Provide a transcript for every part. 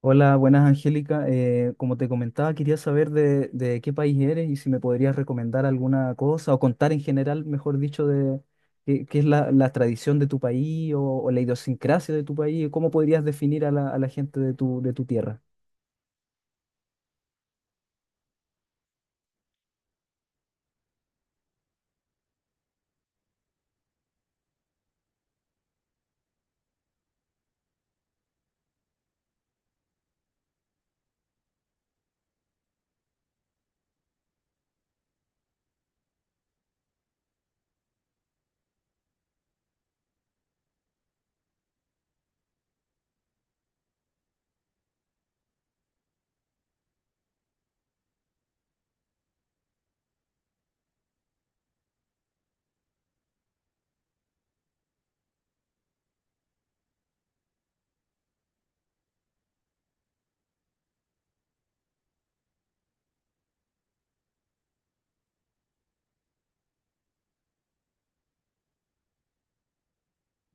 Hola, buenas Angélica. Como te comentaba, quería saber de qué país eres y si me podrías recomendar alguna cosa o contar en general, mejor dicho, de qué es la tradición de tu país o la idiosincrasia de tu país, y cómo podrías definir a la gente de tu tierra.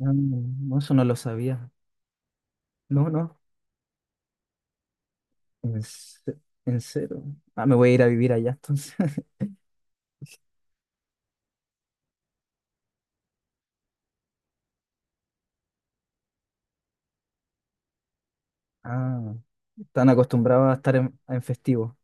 Ah, no, eso no lo sabía. No, no, en, ce- en cero. Ah, me voy a ir a vivir allá entonces. Ah, están acostumbrados a estar en festivo.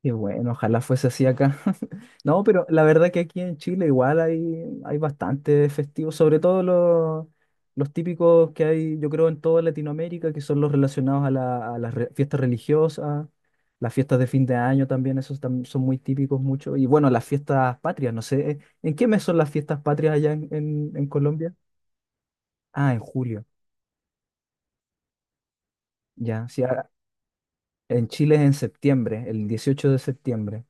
Qué bueno, ojalá fuese así acá. No, pero la verdad que aquí en Chile igual hay bastante festivos, sobre todo los típicos que hay, yo creo, en toda Latinoamérica, que son los relacionados a las fiestas religiosas, las fiestas de fin de año también, esos son muy típicos mucho. Y bueno, las fiestas patrias, no sé, ¿en qué mes son las fiestas patrias allá en Colombia? Ah, en julio, ya. Sí, en Chile es en septiembre, el 18 de septiembre.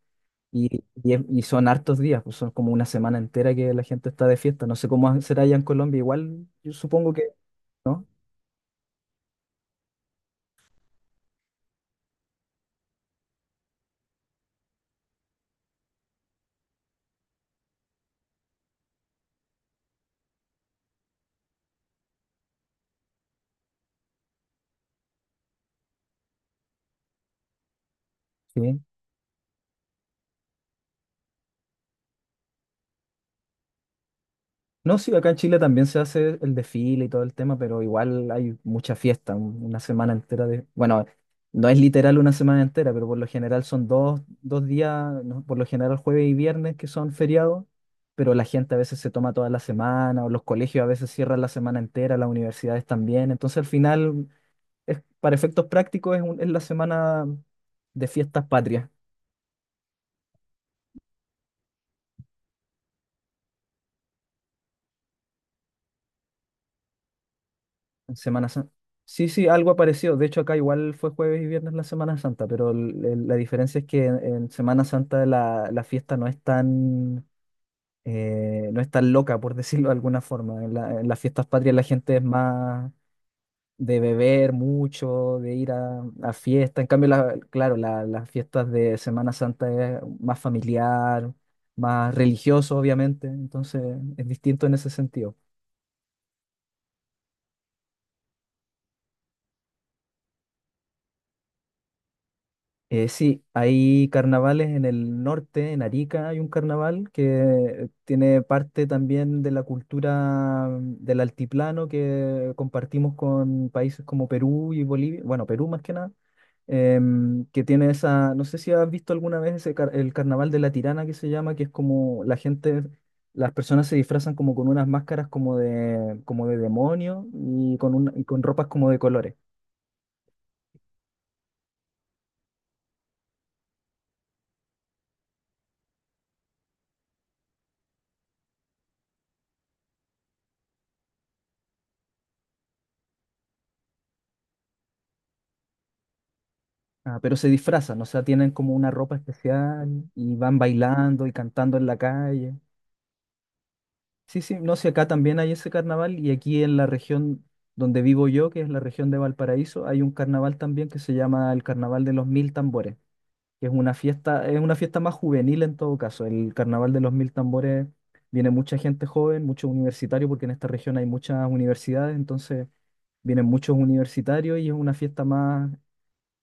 Y son hartos días, pues son como una semana entera que la gente está de fiesta. No sé cómo será allá en Colombia, igual yo supongo que, ¿no? Sí. No, sí, acá en Chile también se hace el desfile y todo el tema, pero igual hay mucha fiesta, una semana entera de... Bueno, no es literal una semana entera, pero por lo general son dos días, ¿no? Por lo general jueves y viernes que son feriados, pero la gente a veces se toma toda la semana, o los colegios a veces cierran la semana entera, las universidades también, entonces al final... para efectos prácticos es, es la semana de fiestas patrias, en Semana Santa. Sí, sí, algo apareció. De hecho, acá igual fue jueves y viernes la Semana Santa, pero la diferencia es que en Semana Santa la fiesta no es tan, no es tan loca, por decirlo de alguna forma. En en las fiestas patrias la gente es más... de beber mucho, de ir a fiestas. En cambio, claro, las fiestas de Semana Santa es más familiar, más religioso, obviamente. Entonces, es distinto en ese sentido. Sí, hay carnavales en el norte, en Arica hay un carnaval que tiene parte también de la cultura del altiplano que compartimos con países como Perú y Bolivia, bueno, Perú más que nada, que tiene esa, no sé si has visto alguna vez ese el carnaval de la Tirana que se llama, que es como la gente, las personas se disfrazan como con unas máscaras como de demonio y con, y con ropas como de colores. Ah, pero se disfrazan, o sea, tienen como una ropa especial y van bailando y cantando en la calle. Sí, sí, no sé, acá también hay ese carnaval y aquí en la región donde vivo yo, que es la región de Valparaíso, hay un carnaval también que se llama el Carnaval de los Mil Tambores, que es una fiesta más juvenil en todo caso. El Carnaval de los Mil Tambores viene mucha gente joven, muchos universitarios, porque en esta región hay muchas universidades, entonces vienen muchos universitarios y es una fiesta más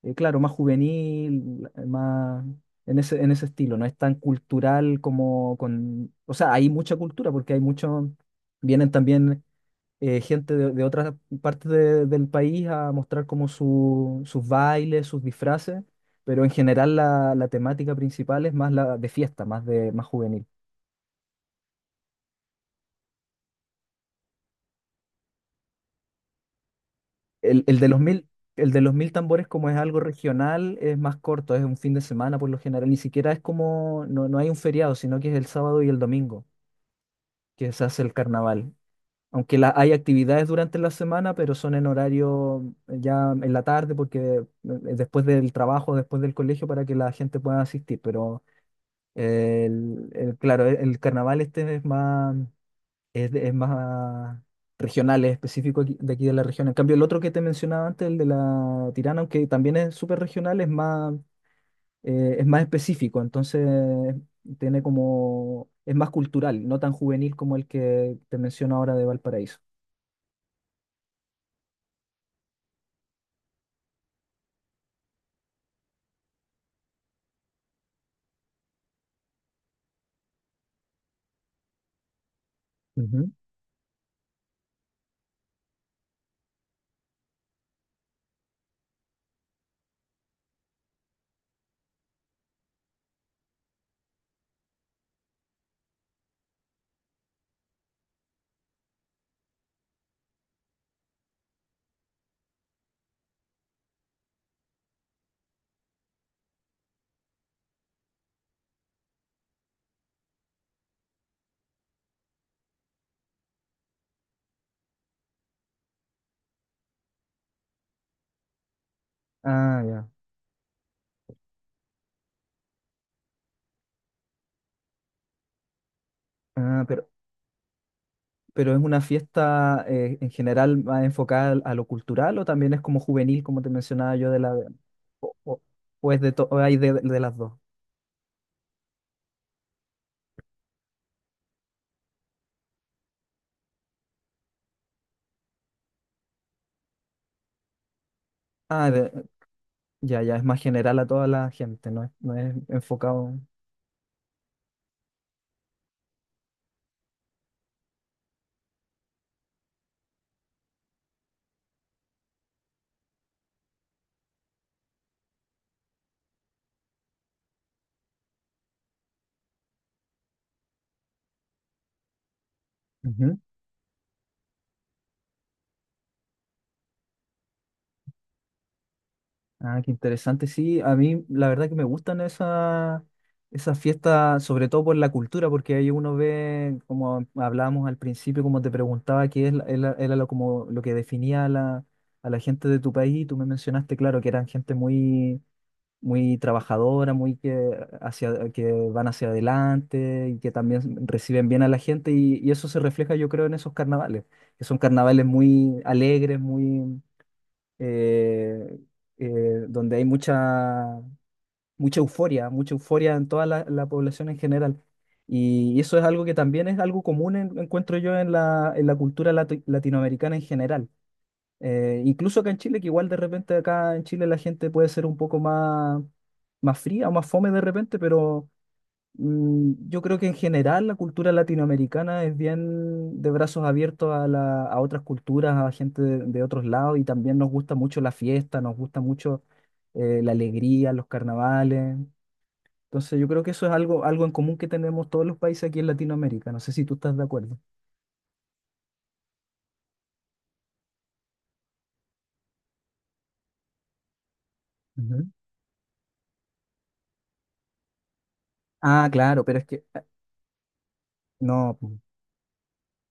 claro, más juvenil, más en ese estilo, no es tan cultural como con, o sea, hay mucha cultura porque hay mucho, vienen también gente de otras partes del país a mostrar como sus bailes, sus disfraces, pero en general la temática principal es más la de fiesta, más de, más juvenil. El, el de los mil, el de los mil tambores, como es algo regional, es más corto, es un fin de semana por lo general, ni siquiera es como, no, no hay un feriado, sino que es el sábado y el domingo que se hace el carnaval. Aunque hay actividades durante la semana, pero son en horario ya en la tarde, porque después del trabajo, después del colegio, para que la gente pueda asistir. Pero claro, el carnaval este es más, es, es más regional, es específico de aquí de la región. En cambio, el otro que te mencionaba antes, el de la Tirana, aunque también es súper regional, es más específico, entonces tiene como, es más cultural, no tan juvenil como el que te menciono ahora de Valparaíso. Ujú. Ah, ya. Ah, pero es una fiesta en general más enfocada a lo cultural o también es como juvenil, como te mencionaba yo de la... O, o- o hay de las dos. Ah, ya, ya, es más general a toda la gente, no es enfocado. Ah, qué interesante. Sí, a mí la verdad que me gustan esas fiestas, sobre todo por la cultura, porque ahí uno ve, como hablábamos al principio, como te preguntaba, qué es, era lo, como, lo que definía a la gente de tu país. Y tú me mencionaste, claro, que eran gente muy, muy trabajadora, muy que, hacia, que van hacia adelante y que también reciben bien a la gente. Y eso se refleja, yo creo, en esos carnavales, que son carnavales muy alegres, muy eh, donde hay mucha, mucha euforia en toda la población en general. Y eso es algo que también es algo común, encuentro yo, en la cultura latinoamericana en general. Incluso acá en Chile, que igual de repente acá en Chile la gente puede ser un poco más, fría o más fome de repente, pero yo creo que en general la cultura latinoamericana es bien de brazos abiertos a otras culturas, a gente de otros lados y también nos gusta mucho la fiesta, nos gusta mucho la alegría, los carnavales. Entonces yo creo que eso es algo en común que tenemos todos los países aquí en Latinoamérica. No sé si tú estás de acuerdo. Ujú. Ah, claro, pero es que no.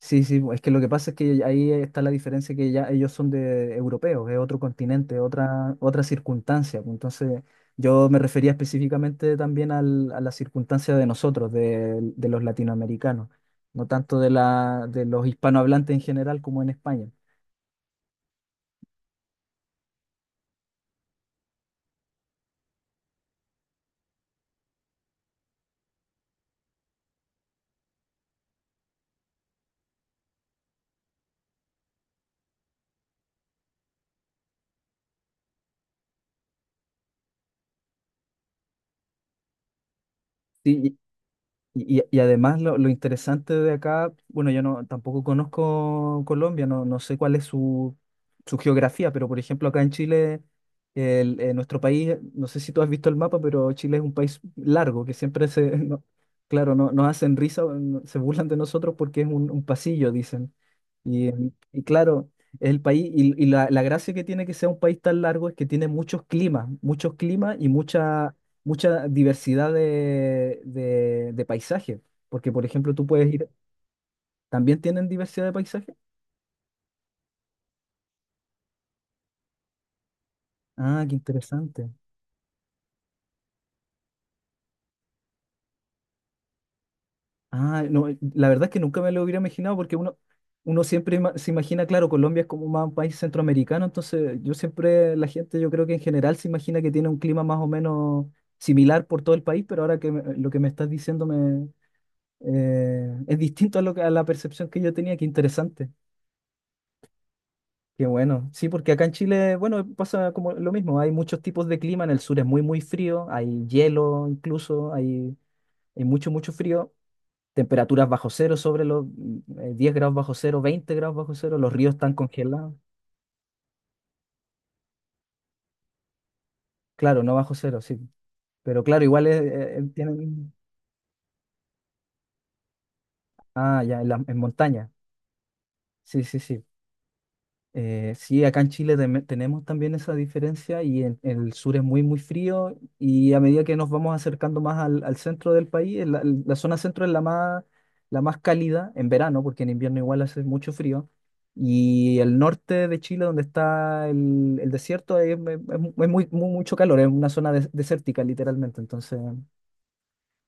Sí, sí, es que lo que pasa es que ahí está la diferencia que ya ellos son de europeos, es otro continente, otra circunstancia. Pues, entonces, yo me refería específicamente también a la circunstancia de nosotros, de los latinoamericanos, no tanto de la, de los hispanohablantes en general como en España. Sí, y además lo interesante de acá, bueno, yo no tampoco conozco Colombia, no, no sé cuál es su geografía, pero por ejemplo acá en Chile, nuestro país, no sé si tú has visto el mapa, pero Chile es un país largo, que siempre se, claro, no, se burlan de nosotros porque es un pasillo, dicen. Y claro, es el país, y la gracia que tiene que sea un país tan largo es que tiene muchos climas y mucha, mucha diversidad de paisajes. Porque, por ejemplo, tú puedes ir, ¿también tienen diversidad de paisajes? Ah, qué interesante. Ah, no, la verdad es que nunca me lo hubiera imaginado porque uno siempre se imagina, claro, Colombia es como más un país centroamericano, entonces yo siempre, la gente yo creo que en general se imagina que tiene un clima más o menos similar por todo el país, pero ahora que lo que me estás diciendo me, es distinto a, lo, a la percepción que yo tenía, qué interesante, qué bueno. Sí, porque acá en Chile, bueno, pasa como lo mismo, hay muchos tipos de clima, en el sur es muy, muy frío, hay hielo incluso, hay mucho, mucho frío. Temperaturas bajo cero, sobre los 10 grados bajo cero, 20 grados bajo cero, los ríos están congelados. Claro, no bajo cero, sí. Pero claro, igual tienen... Ah, ya, en montaña. Sí, sí, sí. Sí, acá en Chile tenemos también esa diferencia y en el sur es muy, muy frío y a medida que nos vamos acercando más al centro del país, la zona centro es la más cálida en verano, porque en invierno igual hace mucho frío, y el norte de Chile, donde está el desierto, es, es muy, mucho calor, es una zona desértica literalmente, entonces...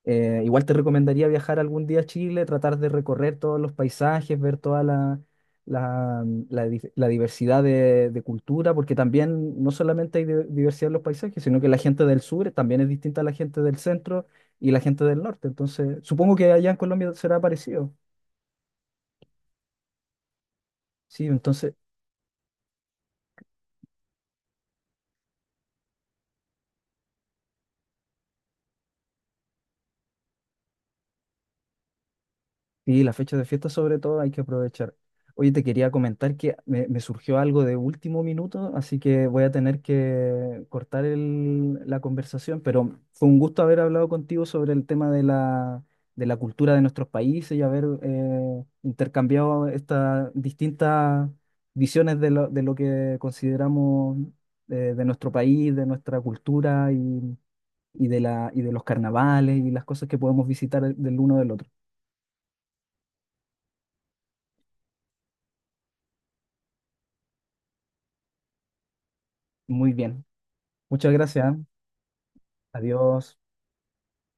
Igual te recomendaría viajar algún día a Chile, tratar de recorrer todos los paisajes, ver toda la, la, la diversidad de cultura, porque también no solamente hay diversidad en los paisajes, sino que la gente del sur también es distinta a la gente del centro y la gente del norte. Entonces, supongo que allá en Colombia será parecido. Sí, entonces. Sí, las fechas de fiesta sobre todo hay que aprovechar. Oye, te quería comentar que me surgió algo de último minuto, así que voy a tener que cortar la conversación, pero fue un gusto haber hablado contigo sobre el tema de la, cultura de nuestros países y haber intercambiado estas distintas visiones de lo que consideramos de nuestro país, de nuestra cultura y de la, y de los carnavales y las cosas que podemos visitar del uno del otro. Muy bien. Muchas gracias. Adiós.